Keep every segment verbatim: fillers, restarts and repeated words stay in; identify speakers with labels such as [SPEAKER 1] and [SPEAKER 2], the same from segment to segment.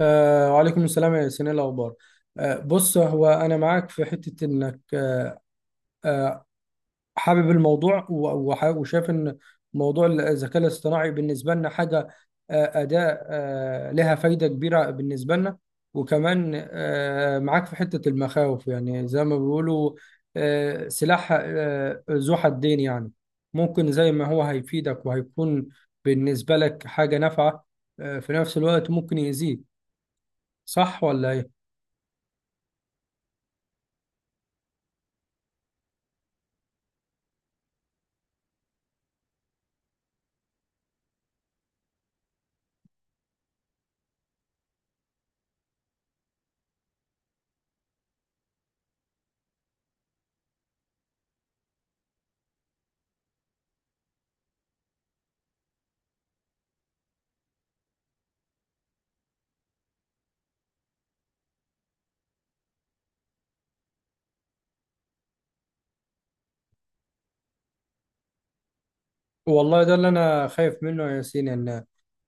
[SPEAKER 1] آه وعليكم السلام يا ياسين، إيه الأخبار؟ آه بص، هو أنا معاك في حتة إنك آه حابب الموضوع، و- وح- وشايف إن موضوع الذكاء الاصطناعي بالنسبة لنا حاجة، آه أداة آه لها فايدة كبيرة بالنسبة لنا. وكمان آه معاك في حتة المخاوف، يعني زي ما بيقولوا آه سلاح آه ذو حدين. يعني ممكن زي ما هو هيفيدك وهيكون بالنسبة لك حاجة نافعة، آه في نفس الوقت ممكن يأذيك. صح ولا إيه؟ والله ده اللي انا خايف منه يا ياسين، ان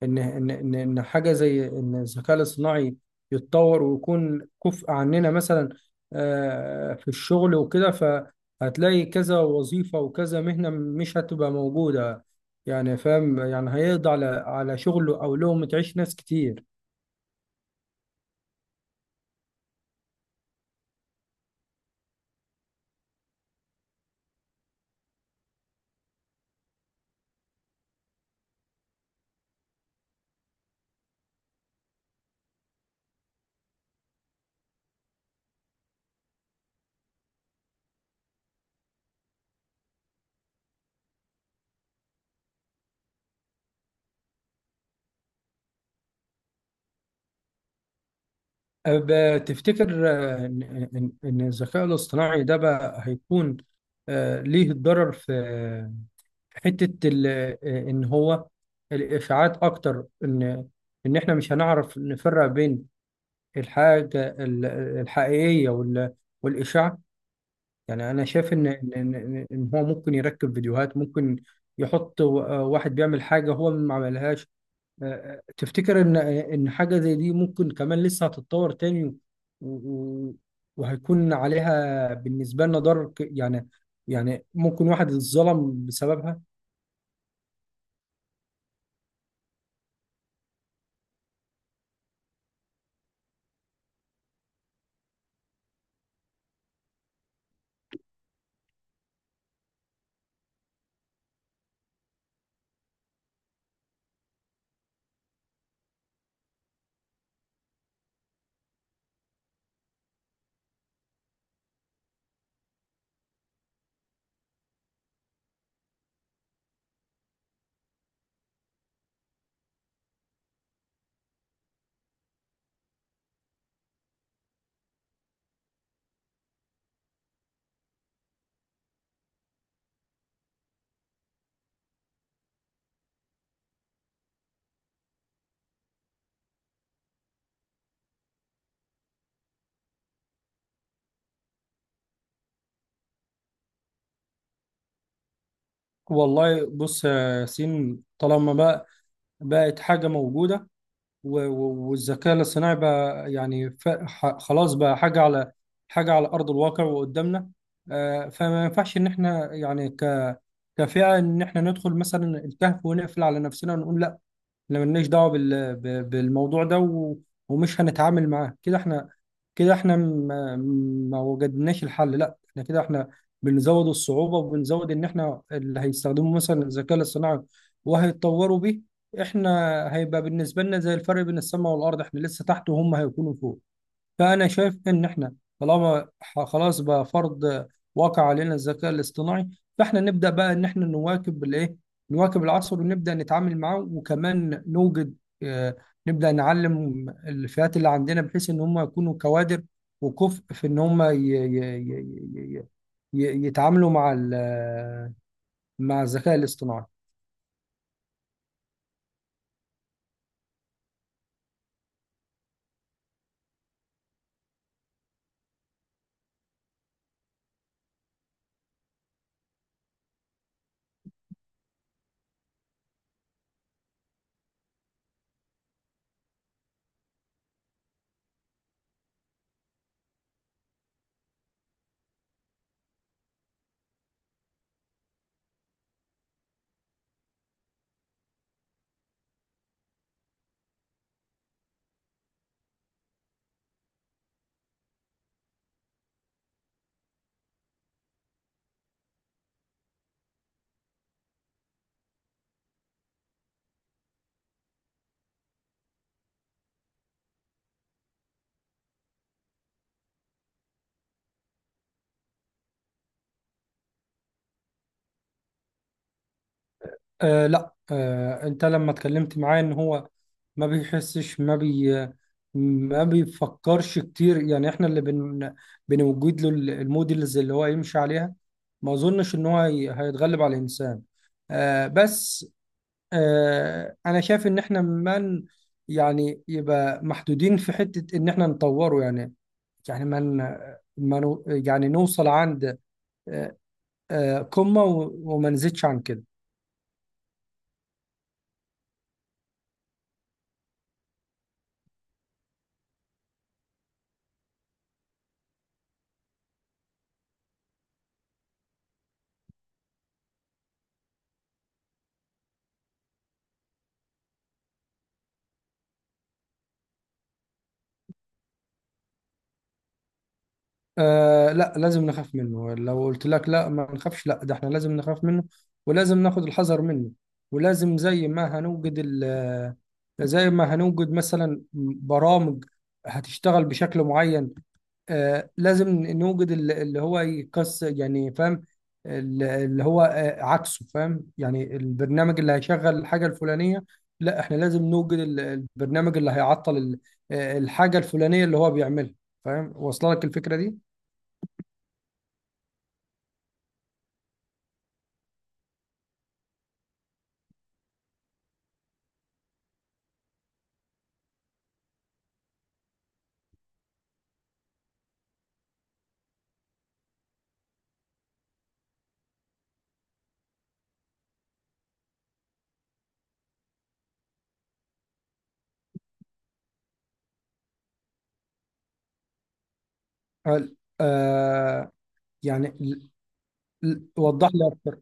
[SPEAKER 1] ان ان ان, إن حاجه زي ان الذكاء الاصطناعي يتطور ويكون كفء عننا، مثلا آه، في الشغل وكده. فهتلاقي كذا وظيفه وكذا مهنه مش هتبقى موجوده. يعني فاهم، يعني هيقضي على على شغل او لقمه عيش ناس كتير. أب- تفتكر آه، ان ان إن الذكاء الاصطناعي ده بقى هيكون آه، ليه ضرر في حته ال- ان هو الافعاد اكتر، ان ان احنا مش هنعرف نفرق بين الحاجه ال- الحقيقيه وال- والاشاعه. يعني انا شايف ان ان ان إن هو ممكن يركب فيديوهات، ممكن يحط و- واحد بيعمل حاجه هو ما عملهاش. آه، آه، تفتكر ان ان حاجه زي دي ممكن كمان لسه هتتطور تاني، و- و- وهيكون عليها بالنسبه لنا ضرر ك- يعني، يعني ممكن واحد اتظلم بسببها. والله بص يا سين، طالما بقى بقت حاجة موجودة، و- و- والذكاء الاصطناعي بقى، يعني ف- ح- خلاص بقى حاجة على حاجة على أرض الواقع وقدامنا. آه، فما ينفعش إن إحنا، يعني ك كفئة، إن إحنا ندخل مثلا الكهف ونقفل على نفسنا ونقول احنا ملناش دعوه بال... ب- بالموضوع ده، و... ومش هنتعامل معاه كده. احنا كده احنا ما, ما وجدناش الحل. لا، احنا كده احنا بنزود الصعوبه، وبنزود ان احنا اللي هيستخدموا مثلا الذكاء الاصطناعي وهيتطوروا بيه. احنا هيبقى بالنسبه لنا زي الفرق بين السماء والارض، احنا لسه تحت وهم هيكونوا فوق. فأنا شايف إن إحنا طالما ح- خلاص بقى فرض واقع علينا الذكاء الاصطناعي، فإحنا نبدأ بقى إن إحنا نواكب الإيه؟ نواكب العصر ونبدأ نتعامل معاه، وكمان نوجد، آه، نبدأ نعلم الفئات اللي عندنا بحيث إن هم يكونوا كوادر وكفء في إن هم ي- ي- ي- ي- ي- ي- يتعاملوا مع ال- مع الذكاء الاصطناعي. آه لا، آه انت لما اتكلمت معاه، ان هو ما بيحسش، ما بي ما بيفكرش كتير. يعني احنا اللي بن بنوجد له ال- الموديلز اللي هو يمشي عليها. ما اظنش ان هو هي- هيتغلب على الانسان. آه بس، آه انا شايف ان احنا من، يعني يبقى محدودين في حتة ان احنا نطوره. يعني، يعني من ما ن- ما نو- يعني نوصل عند آه آه قمة، و- وما نزيدش عن كده. آه لا، لازم نخاف منه. لو قلت لك لا ما نخافش، لا، ده احنا لازم نخاف منه ولازم ناخد الحذر منه. ولازم زي ما هنوجد ال، آه، زي ما هنوجد مثلا برامج هتشتغل بشكل معين، آه لازم نوجد ال- اللي هو يكس، يعني فاهم، ال- اللي هو آه عكسه. فاهم، يعني البرنامج اللي هيشغل الحاجة الفلانية، لا احنا لازم نوجد ال- البرنامج اللي هيعطل ال- آه، الحاجة الفلانية اللي هو بيعملها. فاهم، واصله لك الفكرة دي؟ هل آه يعني، ل- ل- وضح لي اكتر.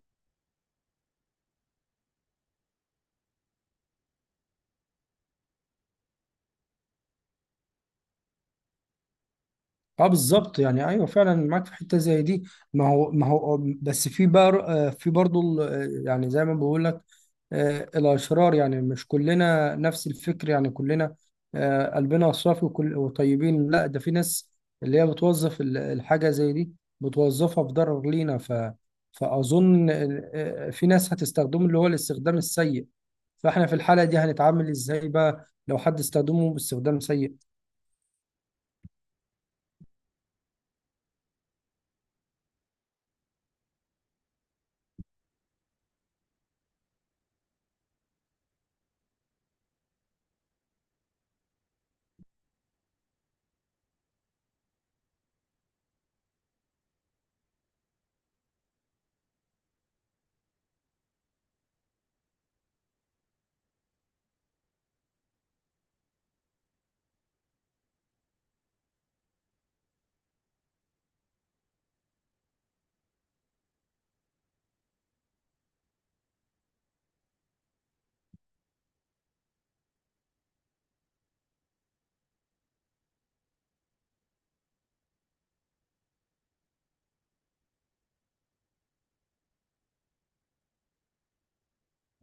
[SPEAKER 1] اه، بالظبط، يعني ايوه فعلا معاك في حته زي دي. ما هو ما هو آه، بس في بار آه، في برضه ال- آه، يعني زي ما بقول لك آه، الاشرار. يعني مش كلنا نفس الفكر، يعني كلنا آه، قلبنا صافي وكل وطيبين. لا، ده في ناس اللي هي بتوظف ال- الحاجه زي دي، بتوظفها في ضرر لينا. ف فاظن آه، آه، في ناس هتستخدمه، اللي هو الاستخدام السيء. فاحنا في الحاله دي هنتعامل ازاي بقى لو حد استخدمه باستخدام سيء؟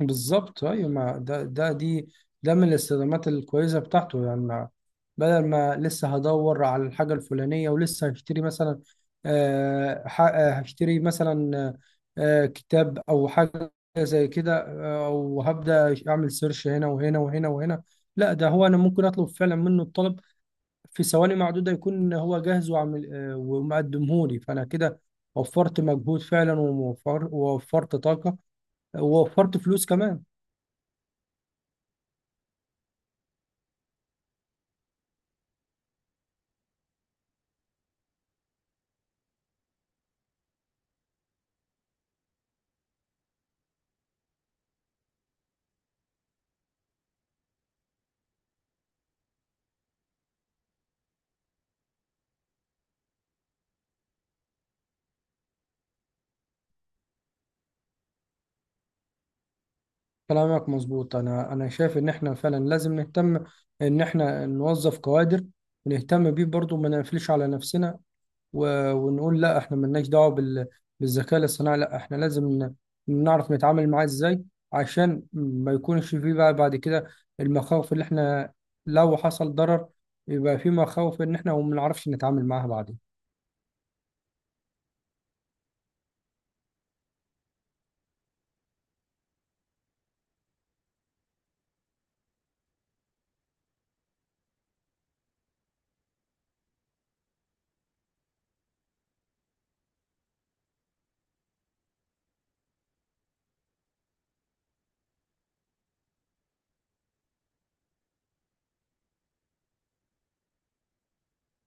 [SPEAKER 1] بالظبط، ايوه. ما ده ده دي، ده من الاستخدامات الكويسه بتاعته. يعني ما- بدل ما لسه هدور على الحاجه الفلانيه ولسه هشتري مثلا، آه، ح- آه، هشتري مثلا آه، كتاب او حاجه زي كده، آه، او هبدا اعمل سيرش هنا وهنا وهنا وهنا، لا، ده هو انا ممكن اطلب فعلا منه الطلب في ثواني معدوده، يكون هو جاهز وعامل آه، ومقدمهولي. فانا كده وفرت مجهود فعلا، وموفر- ووفرت طاقه، ووفرت فلوس كمان. كلامك مظبوط. انا انا شايف ان احنا فعلا لازم نهتم ان احنا نوظف كوادر، ونهتم بيه برضو. ما نقفلش على نفسنا و... ونقول لا، احنا ملناش دعوه بال... بالذكاء الاصطناعي، لا احنا لازم ن... نعرف نتعامل معاه ازاي، عشان ما يكونش فيه بقى بعد كده المخاوف، اللي احنا لو حصل ضرر يبقى في مخاوف ان احنا ما بنعرفش نتعامل معاها بعدين.